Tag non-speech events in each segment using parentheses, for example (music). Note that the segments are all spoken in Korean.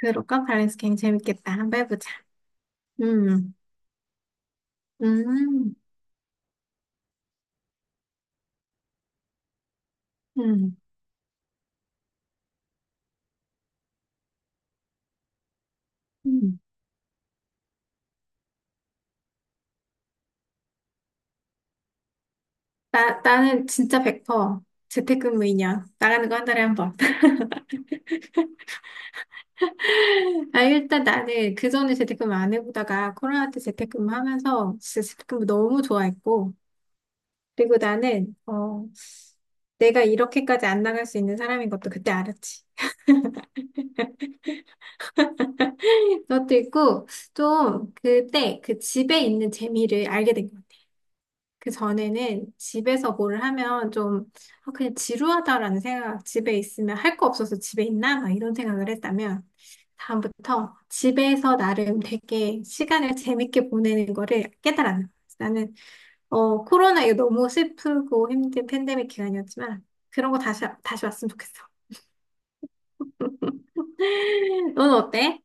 그럴까? 밸런스 게임 재밌겠다. 한번 해보자. 음, 음, 음, 음. 나는 진짜 100% 재택근무이냐. 나가는 거 한 달에 한 번. (laughs) 아, 일단 나는 그전에 재택근무 안 해보다가 코로나 때 재택근무 하면서 진짜 재택근무 너무 좋아했고. 그리고 내가 이렇게까지 안 나갈 수 있는 사람인 것도 그때 알았지. (laughs) 그것도 있고, 좀 그때 그 집에 있는 재미를 알게 된거 그 전에는 집에서 뭘 하면 좀 아, 그냥 지루하다라는 생각, 집에 있으면 할 거 없어서 집에 있나? 막 이런 생각을 했다면 다음부터 집에서 나름 되게 시간을 재밌게 보내는 거를 깨달았는 거예요. 나는 코로나 이거 너무 슬프고 힘든 팬데믹 기간이었지만 그런 거 다시 다시 왔으면 좋겠어. (laughs) 너는 어때?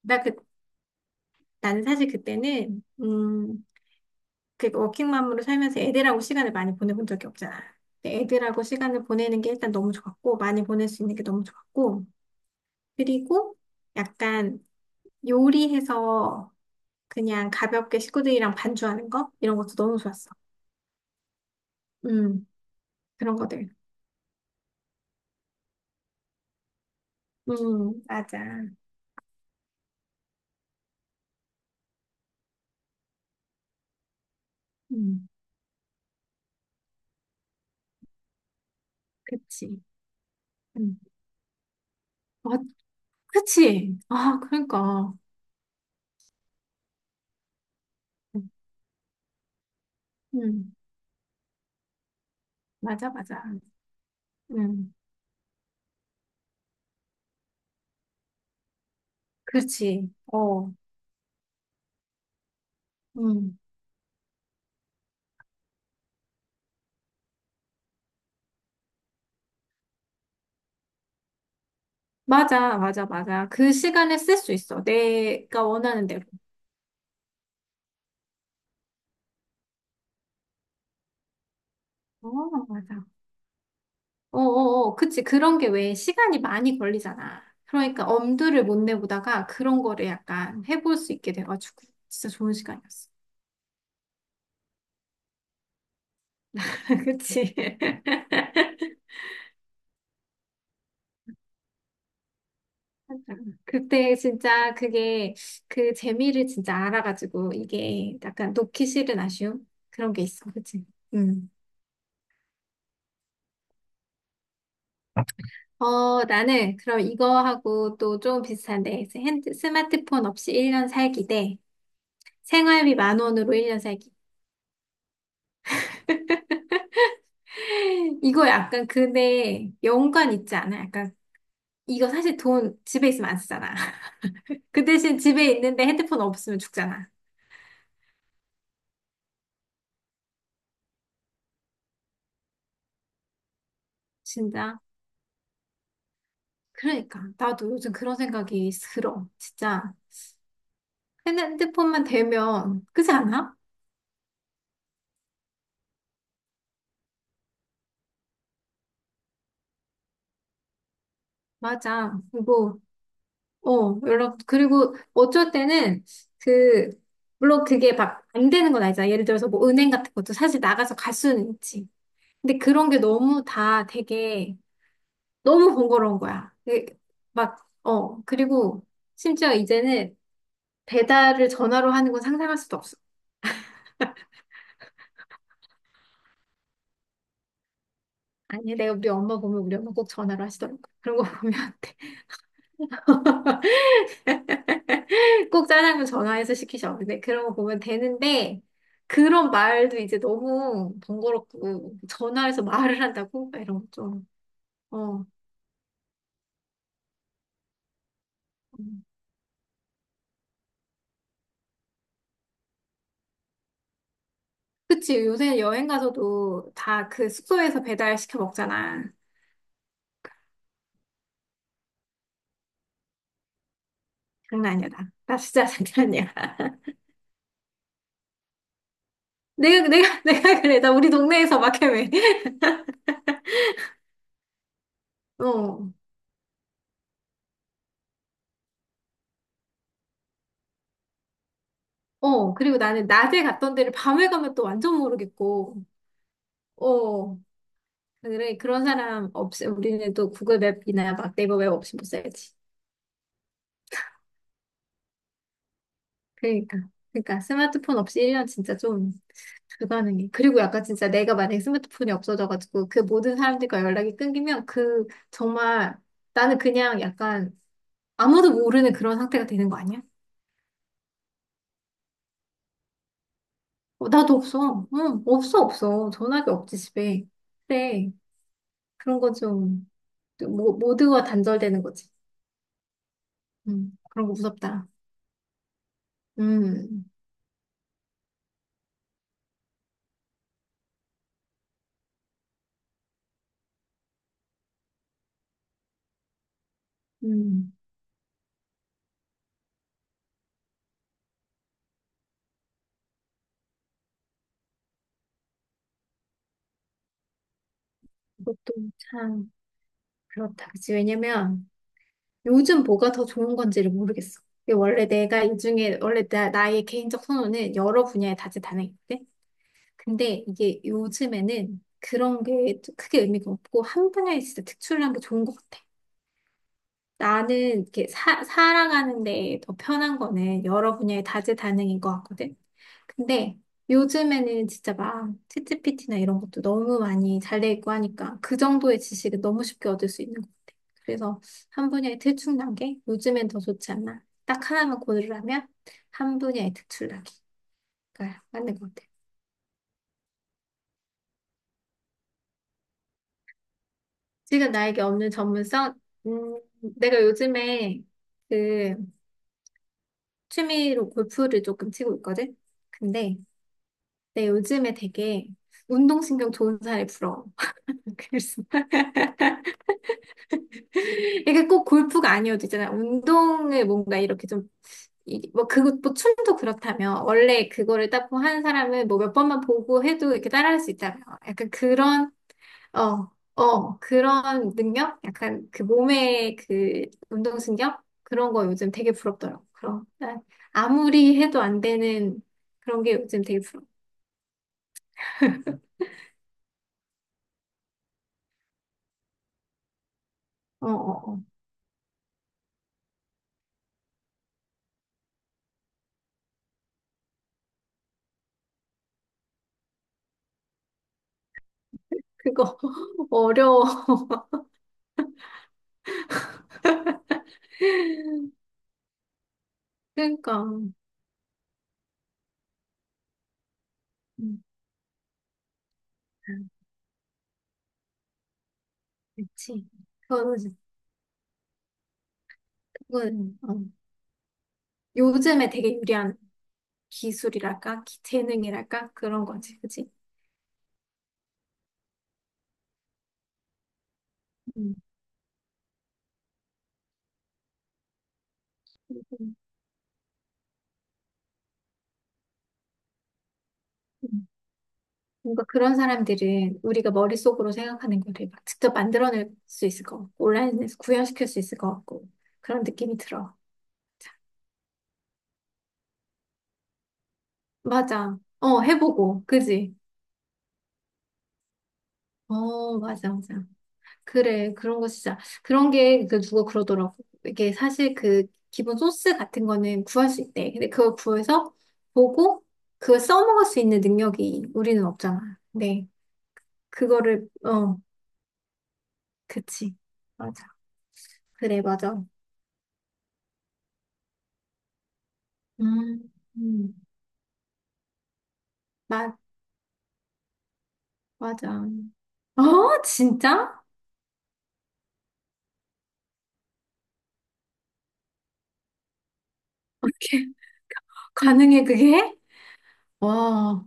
나 그, 나는 사실 그때는 그 워킹맘으로 살면서 애들하고 시간을 많이 보내본 적이 없잖아. 근데 애들하고 시간을 보내는 게 일단 너무 좋았고, 많이 보낼 수 있는 게 너무 좋았고, 그리고 약간 요리해서 그냥 가볍게 식구들이랑 반주하는 거? 이런 것도 너무 좋았어. 음, 그런 거들. 맞아. 음, 그치. 음, 어, 그치. 아, 그러니까. 음, 맞아, 맞아. 음, 그렇지. 어, 음. 맞아, 맞아, 맞아. 그 시간에 쓸 수 있어. 내가 원하는 대로. 어, 맞아. 어, 어, 어. 그치. 그런 게 왜 시간이 많이 걸리잖아. 그러니까 엄두를 못 내보다가 그런 거를 약간 해볼 수 있게 돼가지고 진짜 좋은 시간이었어. (laughs) 그치. 그때 진짜 그게 그 재미를 진짜 알아가지고 이게 약간 놓기 싫은 아쉬움? 그런 게 있어. 그치? 음. 어, 나는 그럼 이거하고 또 좀 비슷한데, 스마트폰 없이 1년 살기 대 생활비 만 원으로 1년 살기. (laughs) 이거 약간 근데 연관 있지 않아? 약간 이거 사실 돈 집에 있으면 안 쓰잖아. (laughs) 그 대신 집에 있는데 핸드폰 없으면 죽잖아. 진짜. 그러니까 나도 요즘 그런 생각이 들어. 진짜. 핸드폰만 되면 그렇지 않아? 맞아. 뭐 연락, 그리고 어쩔 때는 그, 물론 그게 막 안 되는 건 아니잖아. 예를 들어서 뭐 은행 같은 것도 사실 나가서 갈 수는 있지. 근데 그런 게 너무 다 되게 너무 번거로운 거야. 그 막, 그리고 심지어 이제는 배달을 전화로 하는 건 상상할 수도 없어. 아니, 내가 우리 엄마 보면 우리 엄마 꼭 전화로 하시더라고. 그런 거 (laughs) 보면. 꼭 짜장면 전화해서 시키셔. 근데 그런 거 보면 되는데, 그런 말도 이제 너무 번거롭고, 전화해서 말을 한다고? 막 이런 거 좀, 어. 음. 그치, 요새 여행 가서도 다 그 숙소에서 배달 시켜 먹잖아. 장난 아니야, 나. 나 진짜 (laughs) 장난 아니야. 내가 그래. 나 우리 동네에서 막 헤매. 어. 어. 그리고 나는 낮에 갔던 데를 밤에 가면 또 완전 모르겠고, 어. 그래, 그런 사람 없이, 우리는 또 구글 맵이나 막 네이버 맵 없이 못 살지. 그러니까. 그러니까 스마트폰 없이 1년 진짜 좀 불가능해. 그리고 약간 진짜 내가 만약에 스마트폰이 없어져가지고 그 모든 사람들과 연락이 끊기면 그 정말 나는 그냥 약간 아무도 모르는 그런 상태가 되는 거 아니야? 어, 나도 없어. 응, 없어, 없어. 전화기 없지, 집에. 그래. 그런 거 좀, 모두와 단절되는 거지. 그런 거 무섭다. 음, 음. 그것도 참 그렇다. 그치? 왜냐면 요즘 뭐가 더 좋은 건지를 모르겠어. 이게 원래 내가 이 중에, 원래 나의 개인적 선호는 여러 분야에 다재다능인데 근데 이게 요즘에는 그런 게 크게 의미가 없고, 한 분야에 진짜 특출난 게 좋은 것 같아. 나는 이렇게 살아가는 데 더 편한 거는 여러 분야에 다재다능인 것 같거든. 근데 요즘에는 진짜 막 챗GPT나 이런 것도 너무 많이 잘 돼 있고 하니까 그 정도의 지식은 너무 쉽게 얻을 수 있는 것 같아. 그래서 한 분야에 특출나게 요즘엔 더 좋지 않나. 딱 하나만 고르라면 한 분야에 특출나기가 맞는 것 같아. 지금 나에게 없는 전문성? 음, 내가 요즘에 그 취미로 골프를 조금 치고 있거든? 근데 내 요즘에 되게 운동신경 좋은 사람이 부러워. (laughs) 그래서 이게 꼭 골프가 아니어도 있잖아요. 운동을 뭔가 이렇게 좀, 뭐, 그거, 뭐, 춤도 그렇다면, 원래 그거를 딱 한 사람을 뭐 몇 번만 보고 해도 이렇게 따라할 수 있다면, 약간 그런, 어, 그런 능력? 약간 그 몸의 그 운동신경? 그런 거 요즘 되게 부럽더라고. 그런, 난 아무리 해도 안 되는 그런 게 요즘 되게 부러워. 어, 어, 어. 그거 (laughs) 어려워. (laughs) 그러니까. 음, 아, 그치. 그거는 그건, 어, 요즘에 되게 유리한 기술이랄까? 재능이랄까? 그런 거지, 그치? 음, 음. 음. 뭔가 그런 사람들은 우리가 머릿속으로 생각하는 거를 막 직접 만들어낼 수 있을 것 같고, 온라인에서 구현시킬 수 있을 것 같고, 그런 느낌이 들어. 맞아. 어, 해보고, 그지? 어, 맞아, 맞아. 그래, 그런 거 진짜. 그런 게, 누가 그러더라고. 이게 사실 기본 소스 같은 거는 구할 수 있대. 근데 그걸 구해서 보고, 그걸 써먹을 수 있는 능력이 우리는 없잖아. 네. 그거를, 그치. 맞아. 그래, 맞아. 음, 음, 맞, 맞아. 어, 진짜? 어떻게, (laughs) 가능해, 그게? 와,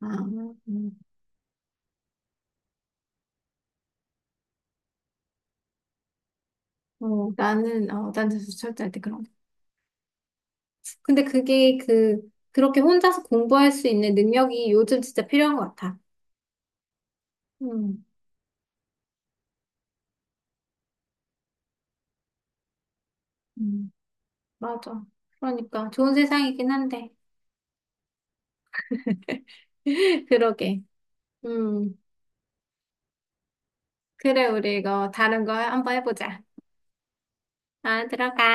아, 음. 어, 난 절대 절대 할때 그런 거. 근데 그게 그렇게 혼자서 공부할 수 있는 능력이 요즘 진짜 필요한 것 같아. 음, 음. 맞아. 그러니까 좋은 세상이긴 한데. (laughs) 그러게. 음, 그래, 우리 이거 다른 거 한번 해보자. 아, 들어가.